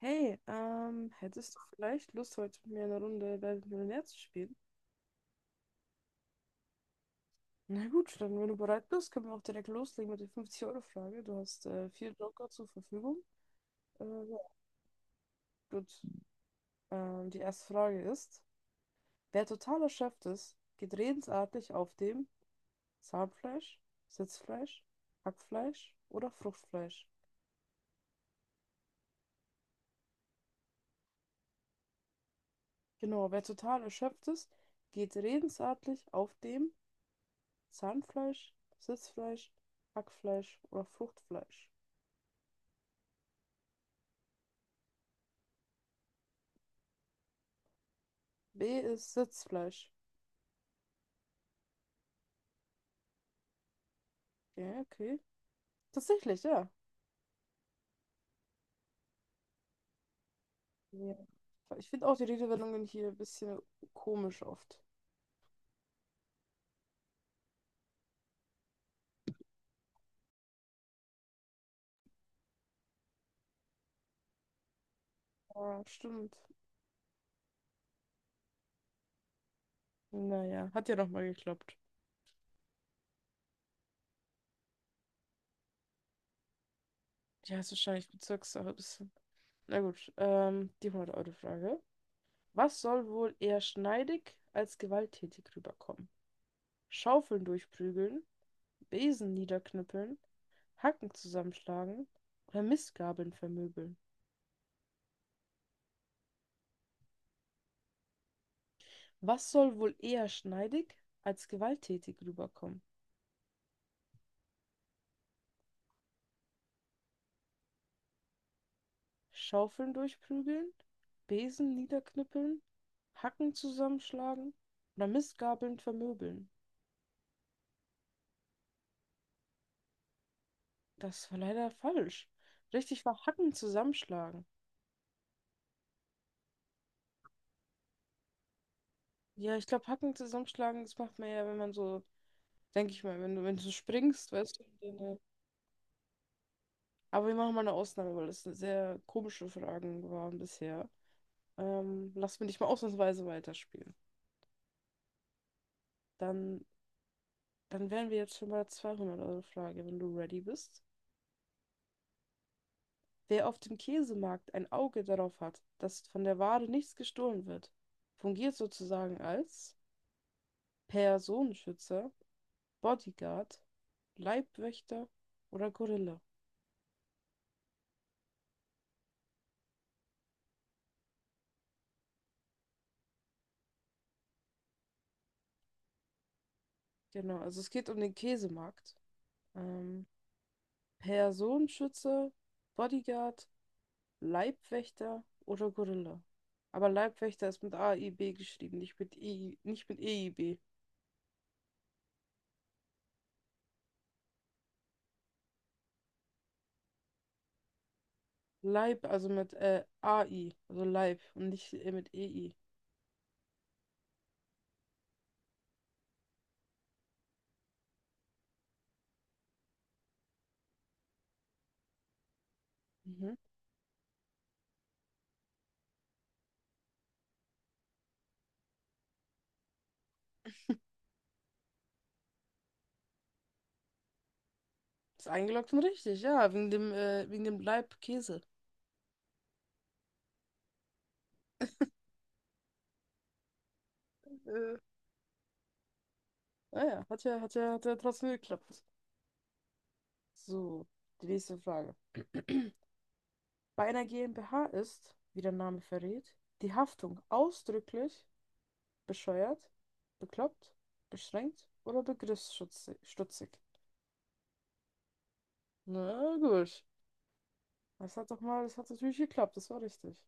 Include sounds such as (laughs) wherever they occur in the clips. Hey, hättest du vielleicht Lust, heute mit mir eine Runde Wer wird Millionär zu spielen? Na gut, dann, wenn du bereit bist, können wir auch direkt loslegen mit der 50-Euro-Frage. Du hast vier Joker zur Verfügung. Ja, gut, die erste Frage ist: Wer total erschöpft ist, geht redensartlich auf dem Zahnfleisch, Sitzfleisch, Hackfleisch oder Fruchtfleisch? Genau, wer total erschöpft ist, geht redensartlich auf dem Zahnfleisch, Sitzfleisch, Hackfleisch oder Fruchtfleisch. B ist Sitzfleisch. Ja, okay. Tatsächlich, ja. Ja. Ich finde auch die Redewendungen hier ein bisschen komisch oft. Ja. Stimmt. Naja, hat ja nochmal geklappt. Ja, ist wahrscheinlich Bezirkssache ein bisschen. Na gut, die 100-Euro-Frage. Was soll wohl eher schneidig als gewalttätig rüberkommen? Schaufeln durchprügeln, Besen niederknüppeln, Hacken zusammenschlagen oder Mistgabeln vermöbeln? Was soll wohl eher schneidig als gewalttätig rüberkommen? Schaufeln durchprügeln, Besen niederknüppeln, Hacken zusammenschlagen oder Mistgabeln vermöbeln. Das war leider falsch. Richtig war Hacken zusammenschlagen. Ja, ich glaube, Hacken zusammenschlagen, das macht man ja, wenn man so, denke ich mal, wenn du springst, weißt du. Und dann, aber wir machen mal eine Ausnahme, weil das eine sehr komische Fragen waren bisher. Lass mich nicht mal ausnahmsweise weiterspielen. Dann, dann wären wir jetzt schon bei der 200-Euro-Frage, wenn du ready bist. Wer auf dem Käsemarkt ein Auge darauf hat, dass von der Ware nichts gestohlen wird, fungiert sozusagen als Personenschützer, Bodyguard, Leibwächter oder Gorilla. Genau, also es geht um den Käsemarkt. Ähm, Personenschützer, Bodyguard, Leibwächter oder Gorilla. Aber Leibwächter ist mit A I B geschrieben, nicht mit EI, nicht mit EIB. Leib, also mit A I, also Leib und nicht mit EI. Mhm. Ist eingeloggt und richtig, ja, wegen dem Leib Käse. Äh, Naja, hat ja trotzdem geklappt. So, die nächste Frage. Bei einer GmbH ist, wie der Name verrät, die Haftung ausdrücklich bescheuert, bekloppt, beschränkt oder begriffsstutzig. Na gut. Das hat doch mal, das hat natürlich geklappt, das war richtig.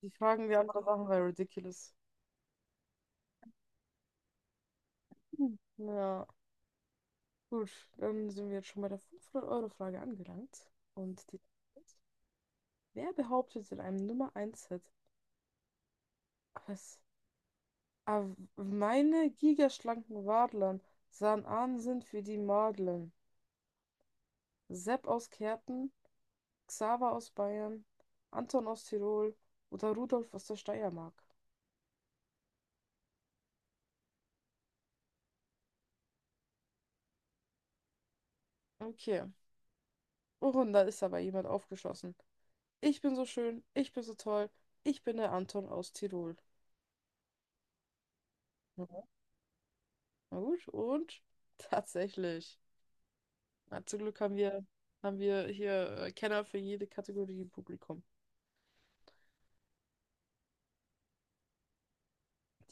Die fragen die andere Sachen waren Ridiculous. Hm. Ja, gut, dann sind wir jetzt schon bei der 500-Euro-Frage angelangt. Und die. Wer behauptet in einem Nummer Eins hit was? Ah, meine gigaschlanken Wadlern sahen Ahnsinn für die Madlern. Sepp aus Kärnten, Xaver aus Bayern, Anton aus Tirol oder Rudolf aus der Steiermark. Okay. Oh, und da ist aber jemand aufgeschossen. Ich bin so schön, ich bin so toll, ich bin der Anton aus Tirol. Mhm. Na gut, und tatsächlich. Na, zum Glück haben wir hier Kenner für jede Kategorie im Publikum.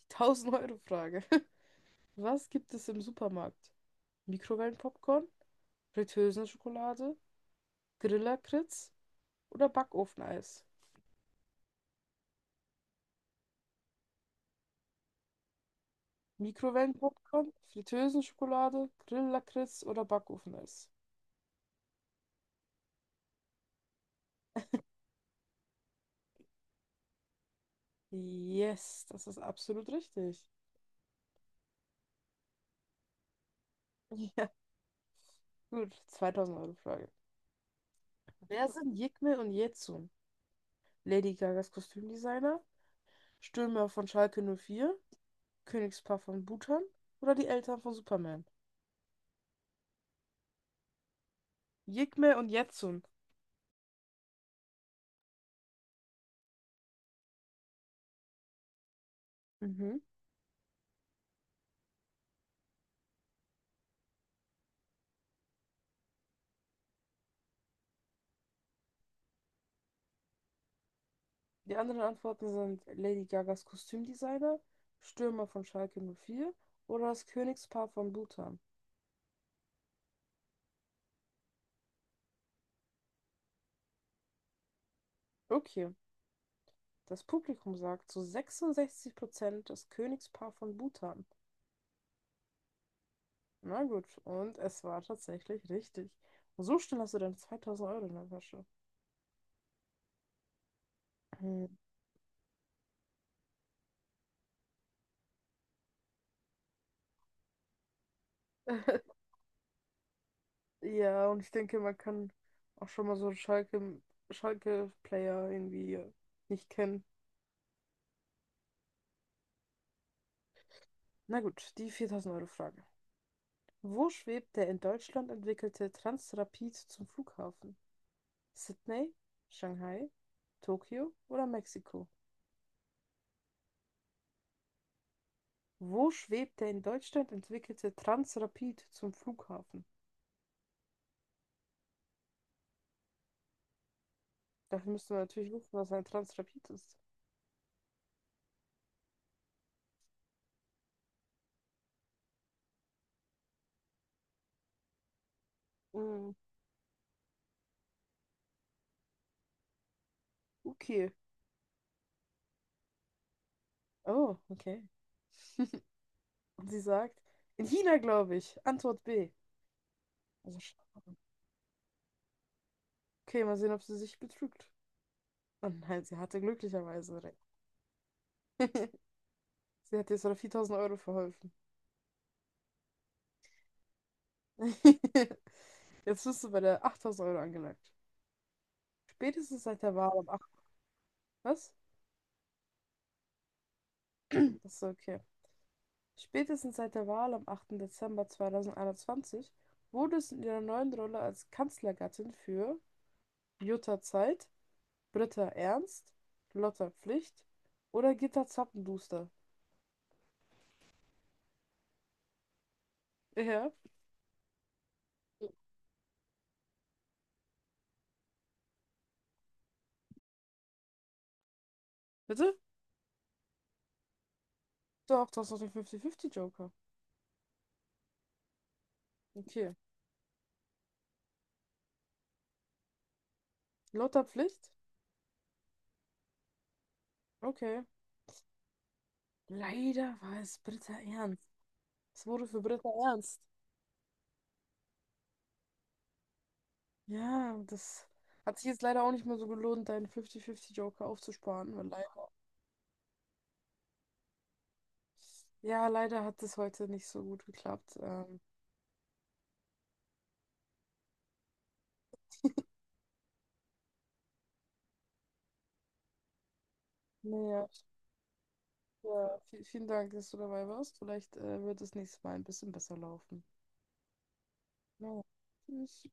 1000-Euro-Frage. (laughs) Was gibt es im Supermarkt? Mikrowellenpopcorn, Fritteusen-Schokolade, Grillakritz oder Backofeneis? Mikrowellenpopcorn, Fritteusen-Schokolade, Grillakritz oder Backofeneis? Yes, das ist absolut richtig. (laughs) Ja, gut. 2000-Euro-Frage. Wer sind Yigme und Yetsun? Lady Gagas Kostümdesigner, Stürmer von Schalke 04? Königspaar von Bhutan oder die Eltern von Superman? Yigme und Yetsun. Mhm. Die anderen Antworten sind Lady Gagas Kostümdesigner, Stürmer von Schalke null vier oder das Königspaar von Bhutan. Okay, das Publikum sagt zu 66% das Königspaar von Bhutan. Na gut, und es war tatsächlich richtig. Und so schnell hast du dann 2000 Euro in der Tasche. Hm. (laughs) Ja, und ich denke, man kann auch schon mal so einen Schalke-Player irgendwie nicht kennen. Na gut, die 4000 Euro Frage. Wo schwebt der in Deutschland entwickelte Transrapid zum Flughafen? Sydney, Shanghai, Tokio oder Mexiko? Wo schwebt der in Deutschland entwickelte Transrapid zum Flughafen? Dafür müssen wir natürlich wissen, was ein Transrapid ist. Mm, okay. Oh, okay. Und sie sagt, in China, glaube ich. Antwort B. Also, schade. Okay, mal sehen, ob sie sich betrügt. Und nein, sie hatte glücklicherweise recht. (laughs) Sie hat jetzt noch 4000 Euro verholfen. (laughs) Jetzt bist du bei der 8000 Euro angelangt. Spätestens seit der Wahl am 8. Was? Achso, okay. Spätestens seit der Wahl am 8. Dezember 2021 wurde es in ihrer neuen Rolle als Kanzlergattin für Jutta Zeit, Britta Ernst, Lotta Pflicht oder Gitta Zappenduster. Ja. Bitte? Doch, das ist doch der 50-50-Joker. Okay. Lotta Pflicht? Okay. Leider war es Britta Ernst. Es wurde für Britta Ernst. Ja, das hat sich jetzt leider auch nicht mehr so gelohnt, deinen 50-50-Joker aufzusparen. Weil leid ja, leider hat es heute nicht so gut geklappt. Naja, ja, vielen Dank, dass du dabei warst. Vielleicht wird es nächstes Mal ein bisschen besser laufen. Ja. Tschüss.